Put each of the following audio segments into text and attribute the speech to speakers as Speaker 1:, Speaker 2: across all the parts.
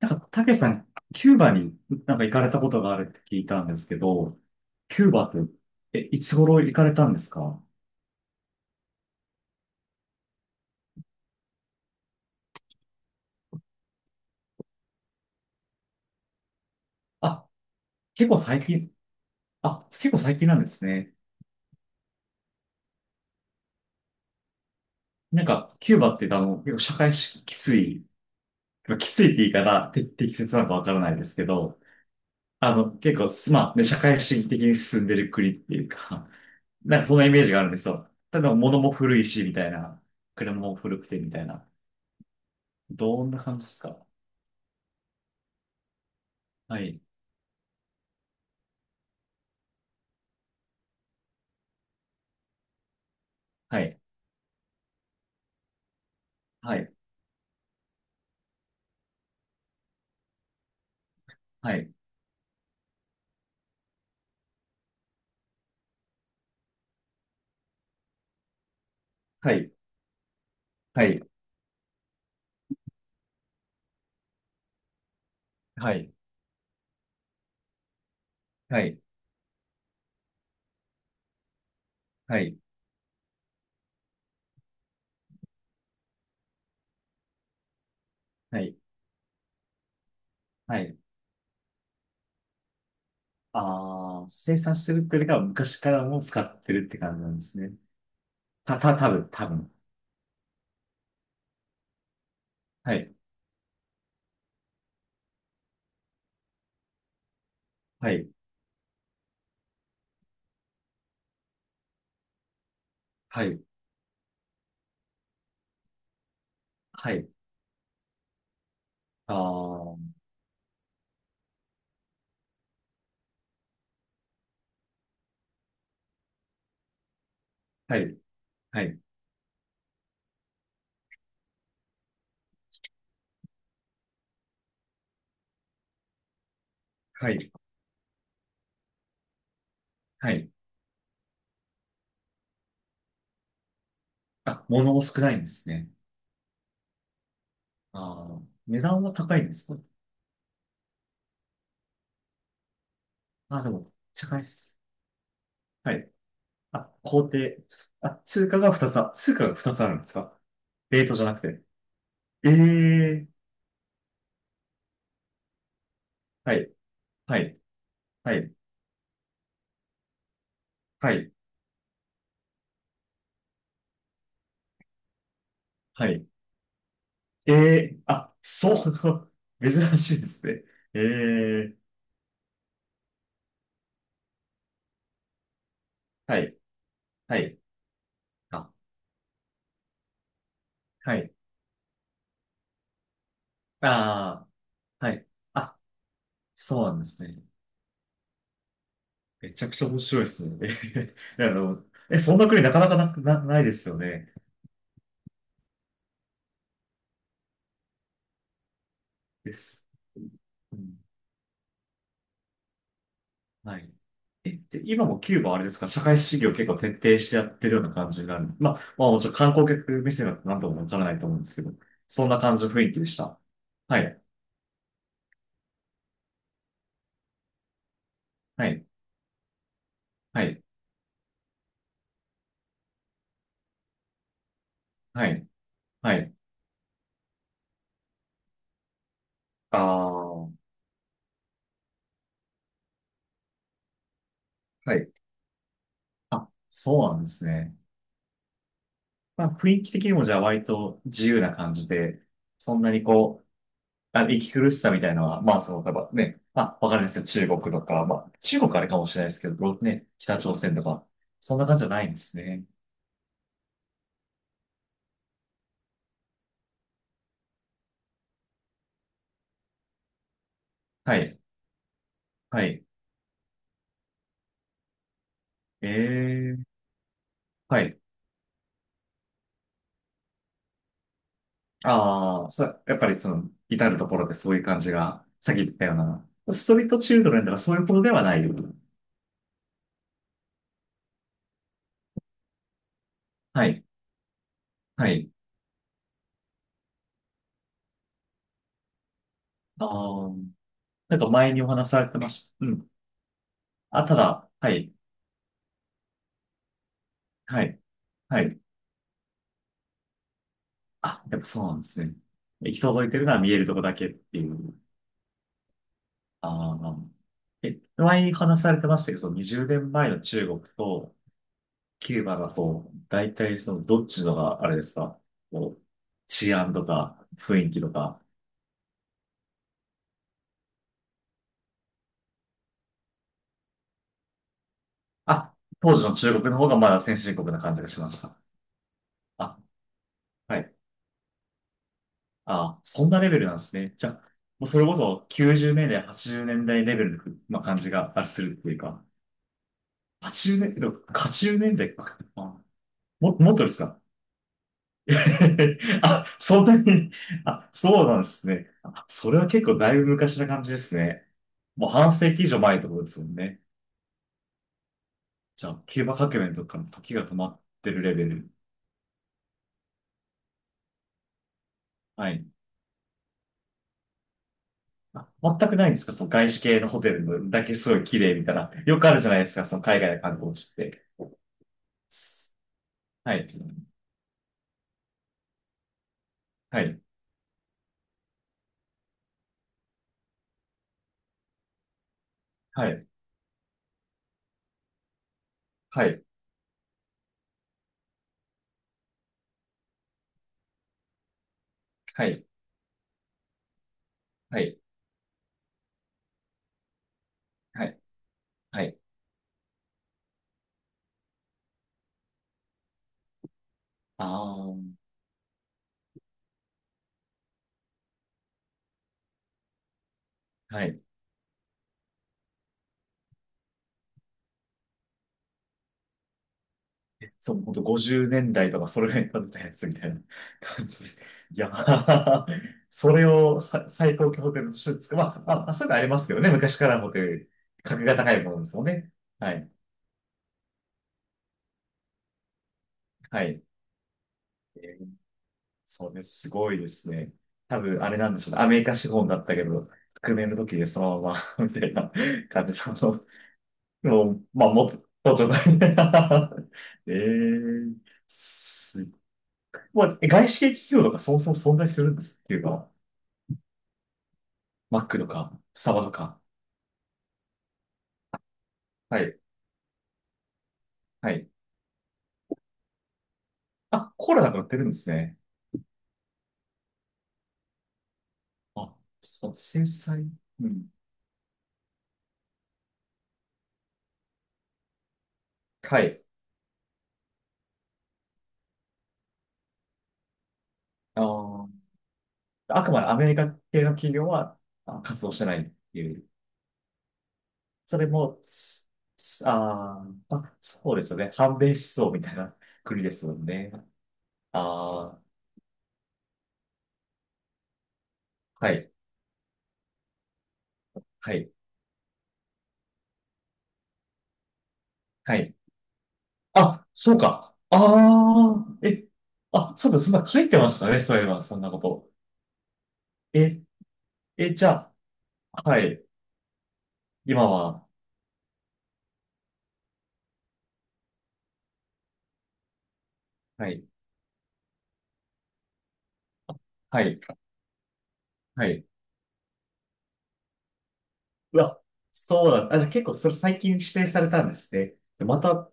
Speaker 1: たけしさん、キューバに行かれたことがあるって聞いたんですけど、キューバって、いつ頃行かれたんですか？あ、結構最近、あ、結構最近なんですね。キューバって結構社会し、きつい、きついって言い方、て適切なのかわからないですけど、あの、結構す、まあ、ね、社会主義的に進んでる国っていうか、なんかそのイメージがあるんですよ。ただ物も古いし、みたいな。車も古くて、みたいな。どんな感じですか？はい。はい。はいはい、はい、はい、はい、はい、はい、はい、はい。ああ、生産してるっていうよりかは昔からもう使ってるって感じなんですね。た、た、多分、多分。はい、はい、はい、はい。ああ、はい、はい、はい、はい。あ、物も少ないんですね。ああ、値段は高いんですか？あ、でも、高いです。はい。あ、工程。通貨が2つあるんですか？レートじゃなくて。ええはい、はい、はい、はい、はい。ええあ、そう、珍しいですね。ええはい、はい、あ、はい、ああ、はい、あ、そうなんですね。めちゃくちゃ面白いですね。ええ あの、え、そんな国なかなかな、な、ないですよね。です。うん、はい。え、で、今もキューバはあれですか、社会主義を結構徹底してやってるような感じになる。まあ、まあもちろん観光客目線だと何ともわからないと思うんですけど、そんな感じの雰囲気でした。はい、はい、はい、はい、はい、ああ、はい、あ、そうなんですね。まあ、雰囲気的にもじゃあ割と自由な感じで、そんなにこう、あ息苦しさみたいなのは、まあ、その、例えばね、まあ、わかんないですよ、中国とか、まあ、中国あれかもしれないですけど、ね、北朝鮮とか、そんな感じじゃないんですね。はい、はい。ええ、はい。ああ、そ、やっぱりその、至るところでそういう感じが、さっき言ったような、ストリートチルドレンとかそういうことではない。はい、はい。ああ、なんか前にお話しされてました。うん。あ、ただ、はい。はい。はい。あ、やっぱそうなんですね。行き届いてるのは見えるとこだけっていう。ああ。え、前に話されてましたけど、その20年前の中国とキューバだと、大体そのどっちのがあれですか、こう、治安とか雰囲気とか。あ、当時の中国の方がまだ先進国な感じがしました。あ、はい。あ、そんなレベルなんですね。じゃあ、もうそれこそ90年代、80年代レベルの、まあ、感じがあするっていうか。80年代、80年代か。あもっとですか？ あ、そんなに、あ、そうなんですね。あ、それは結構だいぶ昔な感じですね。もう半世紀以上前ってことですもんね。じゃあ、キューバ革命とかの時が止まってるレベル。はい。あ、全くないんですか？その外資系のホテルのだけすごい綺麗みたいな。よくあるじゃないですかその海外の観光地って。はい。はい。はい。はい。はい。はい。はい。はい。ああー。はい。そう、ほんと50年代とかそれぐらいに建てたやつみたいな感じです。いや、それをさ最高級ホテルとして作る。まあ、まあ、まあそういうのありますけどね。昔からのホテル、格が高いものですよね。はい。はい。えーそうです。すごいですね。多分、あれなんでしょうね。アメリカ資本だったけど、革命の時でそのまま みたいな感じの、もう、まあ、もっとじゃない えー、す、まあ、外資系企業とかそもそも存在するんですっていうか、マックとか、スタバとか。はい。はい。あ、コーラなくなってるんですね。あ、そう、制裁。うん。はい。あー、あくまでアメリカ系の企業はあ活動してないっていう。それも、すす、あー、まあ、そうですよね。反米思想みたいな国ですもんね。ああはい。はい。はい。あ、そうか。ああえ、あ、そうかそんな書いてましたね。そういえば、そんなこと。え、え、じゃあ、はい。今は、はい。はい。はい。うわ、そうなんだ。あ、結構それ最近指定されたんですね。でまた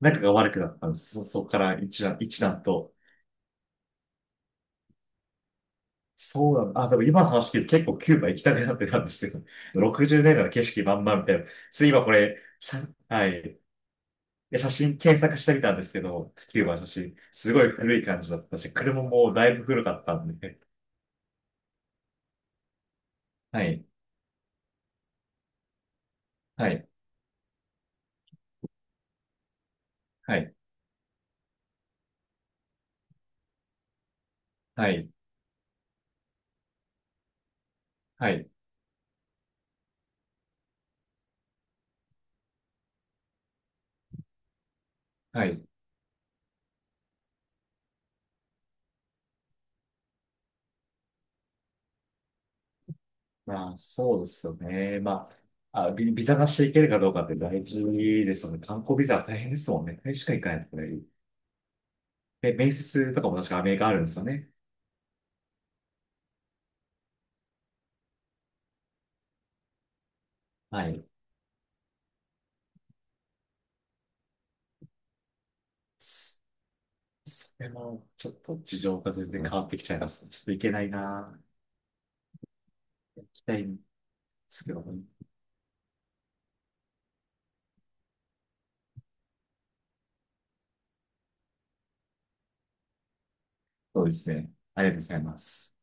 Speaker 1: 仲が悪くなったんです。そ、そこから一段と。そうなんだ。あ、でも今の話聞いて結構キューバ行きたくなってたんですよ。60年代の景色まんまみたいな。それ今これ、さ、はい。で写真検索してみたんですけど、キューバの写真。すごい古い感じだったし、車もだいぶ古かったんで。はい。はい。はい。はい。はい。はい。まあ、そうですよね。まあ、あ、ビザなしで行けるかどうかって大事ですよね。観光ビザは大変ですもんね。大れしか行かないとね。で、面接とかも確かアメリカあるんですよね。はい。そ、それも、ちょっと事情が全然変わってきちゃいます。ちょっと行けないな。行きたいんですけども。そうですね。ありがとうございます。